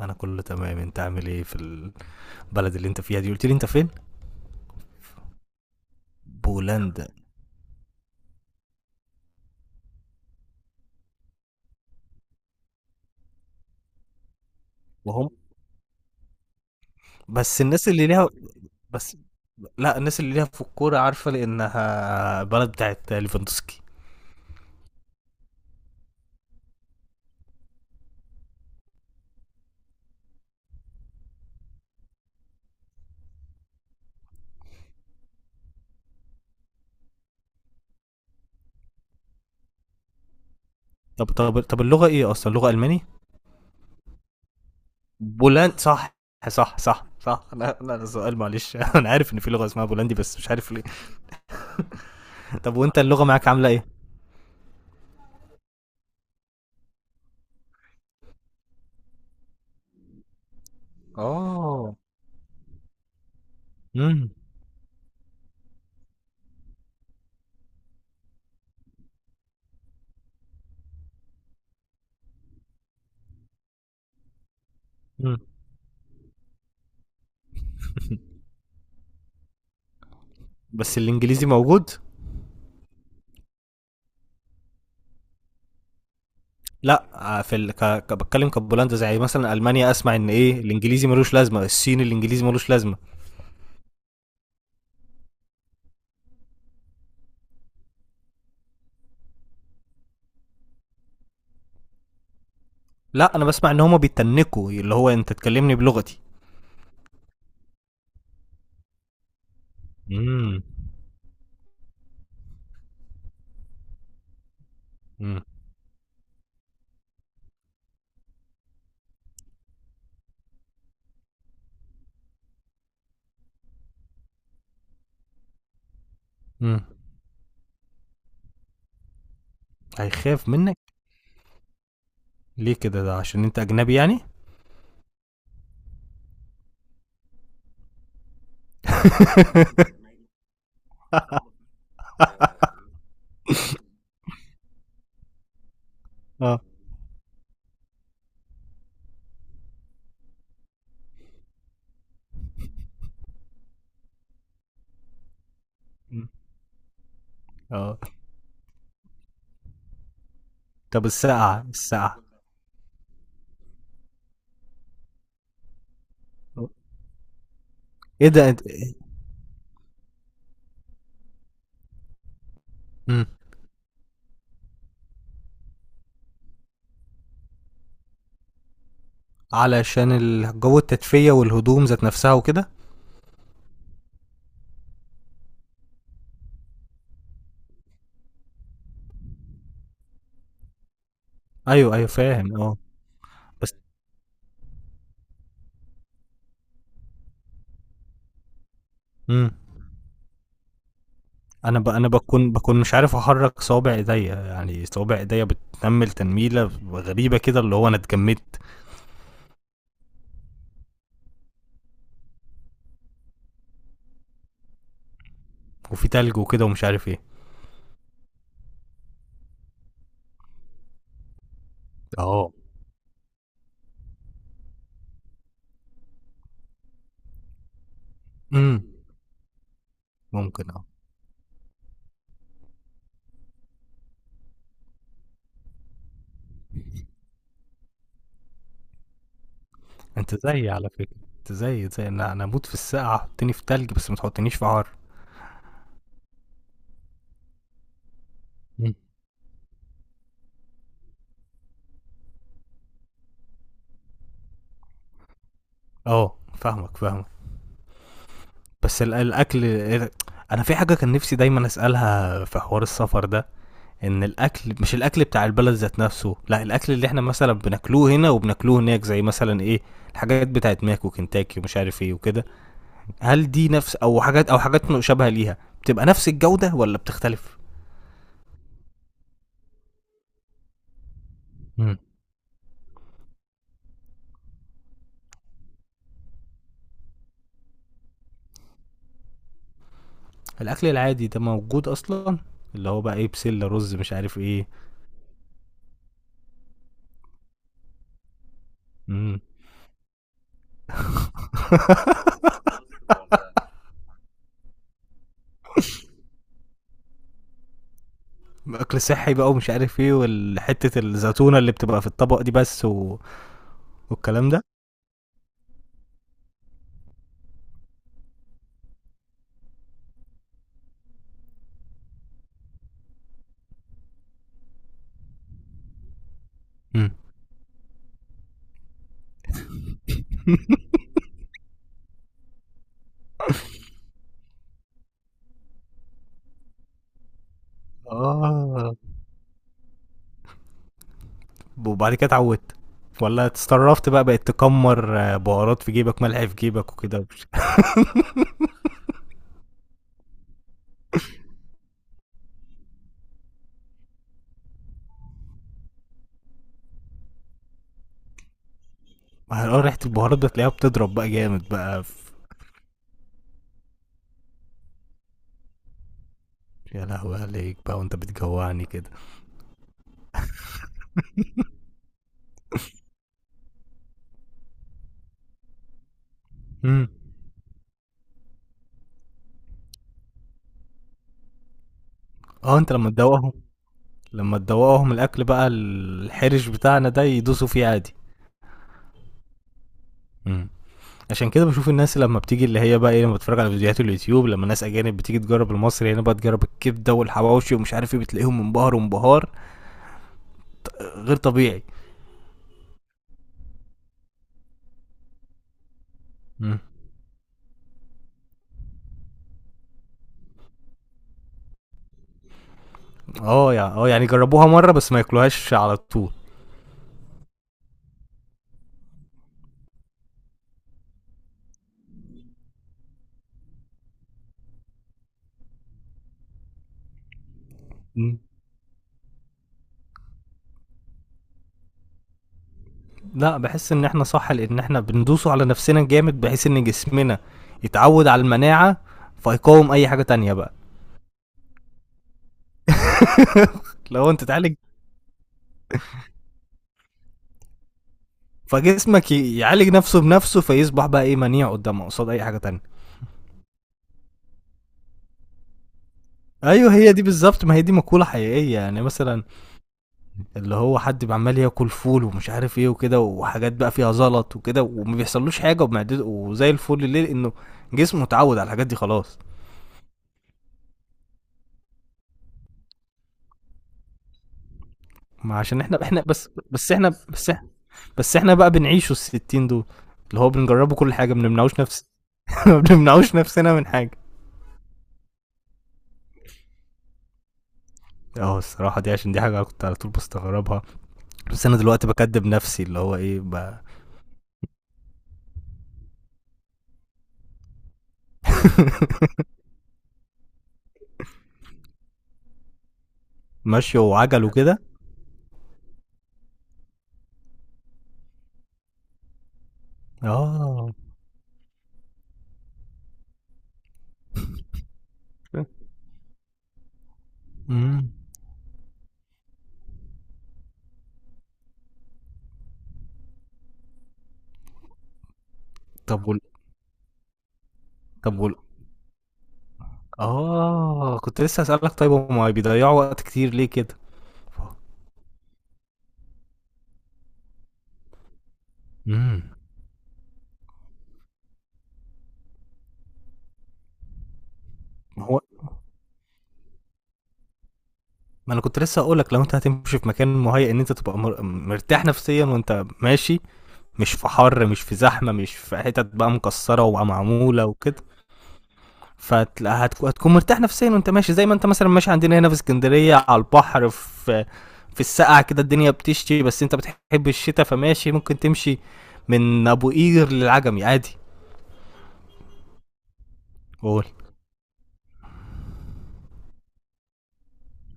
انا كله تمام. انت عامل ايه في البلد اللي انت فيها دي؟ قلت لي انت فين؟ بولندا؟ وهم. بس الناس اللي ليها، بس... لا، الناس اللي ليها في الكوره عارفه، لانها بلد بتاعت ليفاندوسكي. طب طب طب، اللغه ايه اصلا؟ لغه الماني؟ بولند، صح؟ صح، صح، صح. لا، لا، ده سؤال معلش. انا عارف ان في لغه اسمها بولندي، بس مش عارف ليه. طب وانت اللغه معاك عامله ايه؟ اه. امم أمم. بس الانجليزي موجود؟ لا، آه، في ال... ك... ك... بتكلم كبولندا، زي مثلا المانيا، اسمع ان ايه الانجليزي ملوش لازمه، الصين الانجليزي ملوش لازمه. لا، انا بسمع ان هما بيتنكوا، اللي هو انت تكلمني بلغتي. امم امم امم هيخاف منك؟ ليه كده؟ ده عشان انت اجنبي يعني؟ اه. مم. اه. طب الساعه، ايه ده مم. علشان الجو، التدفئه والهدوم ذات نفسها وكده. ايوه، ايوه، فاهم، اه. بس، امم انا انا بكون مش عارف احرك صوابع ايديا. يعني صوابع ايديا بتنمل تنميله غريبه كده، اللي هو انا اتجمدت. وفي تلج وكده ومش عارف ايه. اه. امم. ممكن، اه. انت زيي على فكره، انت زيي زي انا. انا اموت في السقعه، حطني في تلج بس ما تحطنيش في حر. مم. اه، فاهمك فاهمك. بس الاكل إيه؟ انا في حاجه كان نفسي دايما اسالها في حوار السفر ده، ان الاكل مش الاكل بتاع البلد ذات نفسه، لا الاكل اللي احنا مثلا بناكلوه هنا وبناكلوه هناك، زي مثلا ايه، الحاجات بتاعت ماك وكنتاكي ومش عارف ايه وكده. هل دي نفس، او حاجات، او حاجات مشابهه ليها، بتبقى نفس الجوده ولا بتختلف؟ مم. الاكل العادي ده موجود اصلا؟ اللي هو بقى ايه، بسله رز مش عارف ايه. امم. اكل صحي بقى ومش عارف ايه، والحته الزيتونه اللي بتبقى في الطبق دي بس و... والكلام ده. مم. اه. وبعد كده اتعودت، ولا اتسترفت بقى، بقت تكمر، بهارات في جيبك، ملح في جيبك وكده؟ اه، ريحة البهارات ده تلاقيها بتضرب بقى جامد بقى في... يا لهوي عليك بقى وانت بتجوعني كده. امم. اه. انت لما تدوقهم الاكل بقى، الحرش بتاعنا ده يدوسوا فيه عادي. امم. عشان كده بشوف الناس لما بتيجي، اللي هي بقى ايه، لما بتفرج على فيديوهات اليوتيوب، لما ناس اجانب بتيجي تجرب المصري هنا، بقى تجرب الكبده والحواوشي ومش عارف ايه، بتلاقيهم منبهر وانبهار غير طبيعي. امم. اه، يعني، اه، يعني جربوها مره بس ما ياكلوهاش على طول. مم. لا، بحس ان احنا صح، لان احنا بندوسه على نفسنا جامد، بحيث ان جسمنا يتعود على المناعه، فيقاوم اي حاجه تانية بقى. لو انت تعالج فجسمك يعالج نفسه بنفسه، فيصبح بقى ايه منيع قدامه، قصاد اي حاجه تانية. ايوه، هي دي بالظبط، ما هي دي مقوله حقيقيه، يعني مثلا اللي هو حد عمال ياكل فول ومش عارف ايه وكده، وحاجات بقى فيها زلط وكده، وما بيحصلوش حاجه ومعدته وزي الفل. ليه؟ لانه جسمه اتعود على الحاجات دي خلاص. ما عشان احنا احنا بس بس احنا بس احنا بس احنا بقى بنعيشوا الستين دول، اللي هو بنجربه كل حاجه، ما بنمنعوش نفس. ما بنمنعوش نفسنا من حاجه. اه، الصراحه دي عشان دي حاجه أنا كنت على طول بستغربها. بس انا دلوقتي بكدب نفسي، اللي هو ايه، ماشيه وعجل وكده. اه. امم. طب وال طب وال اه، كنت لسه هسألك، طيب هما بيضيعوا وقت كتير ليه كده؟ امم. ما هو، ما انا كنت لسه هقولك، لو انت هتمشي في مكان مهيأ ان انت تبقى مرتاح نفسيا وانت ماشي، مش في حر، مش في زحمه، مش في حتت بقى مكسره ومعموله وكده، فتلاقيها هتكون مرتاح نفسيا وانت ماشي. زي ما انت مثلا ماشي عندنا هنا في اسكندريه على البحر، في السقعه كده، الدنيا بتشتي بس انت بتحب الشتاء، فماشي ممكن تمشي من ابو قير للعجمي عادي. قول.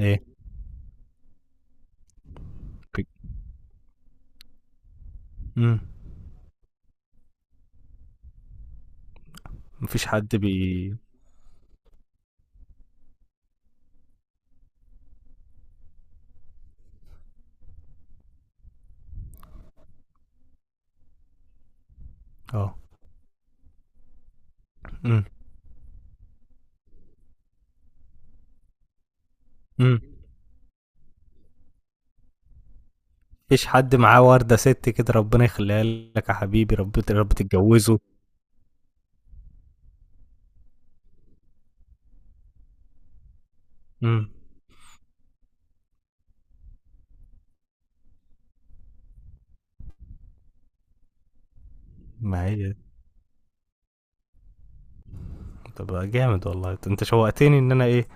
ايه؟ امم. مفيش حد اه. امم. امم. مفيش حد معاه ورده ست كده، ربنا يخليها لك يا حبيبي، رب يا رب تتجوزه. امم. ما هي. طب جامد والله، انت شوقتني ان انا ايه،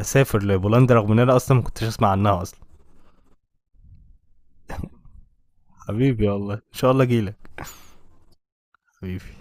اسافر لبولندا، رغم ان انا اصلا ما كنتش اسمع عنها اصلا. حبيبي والله، ان شاء الله اجيلك. حبيبي.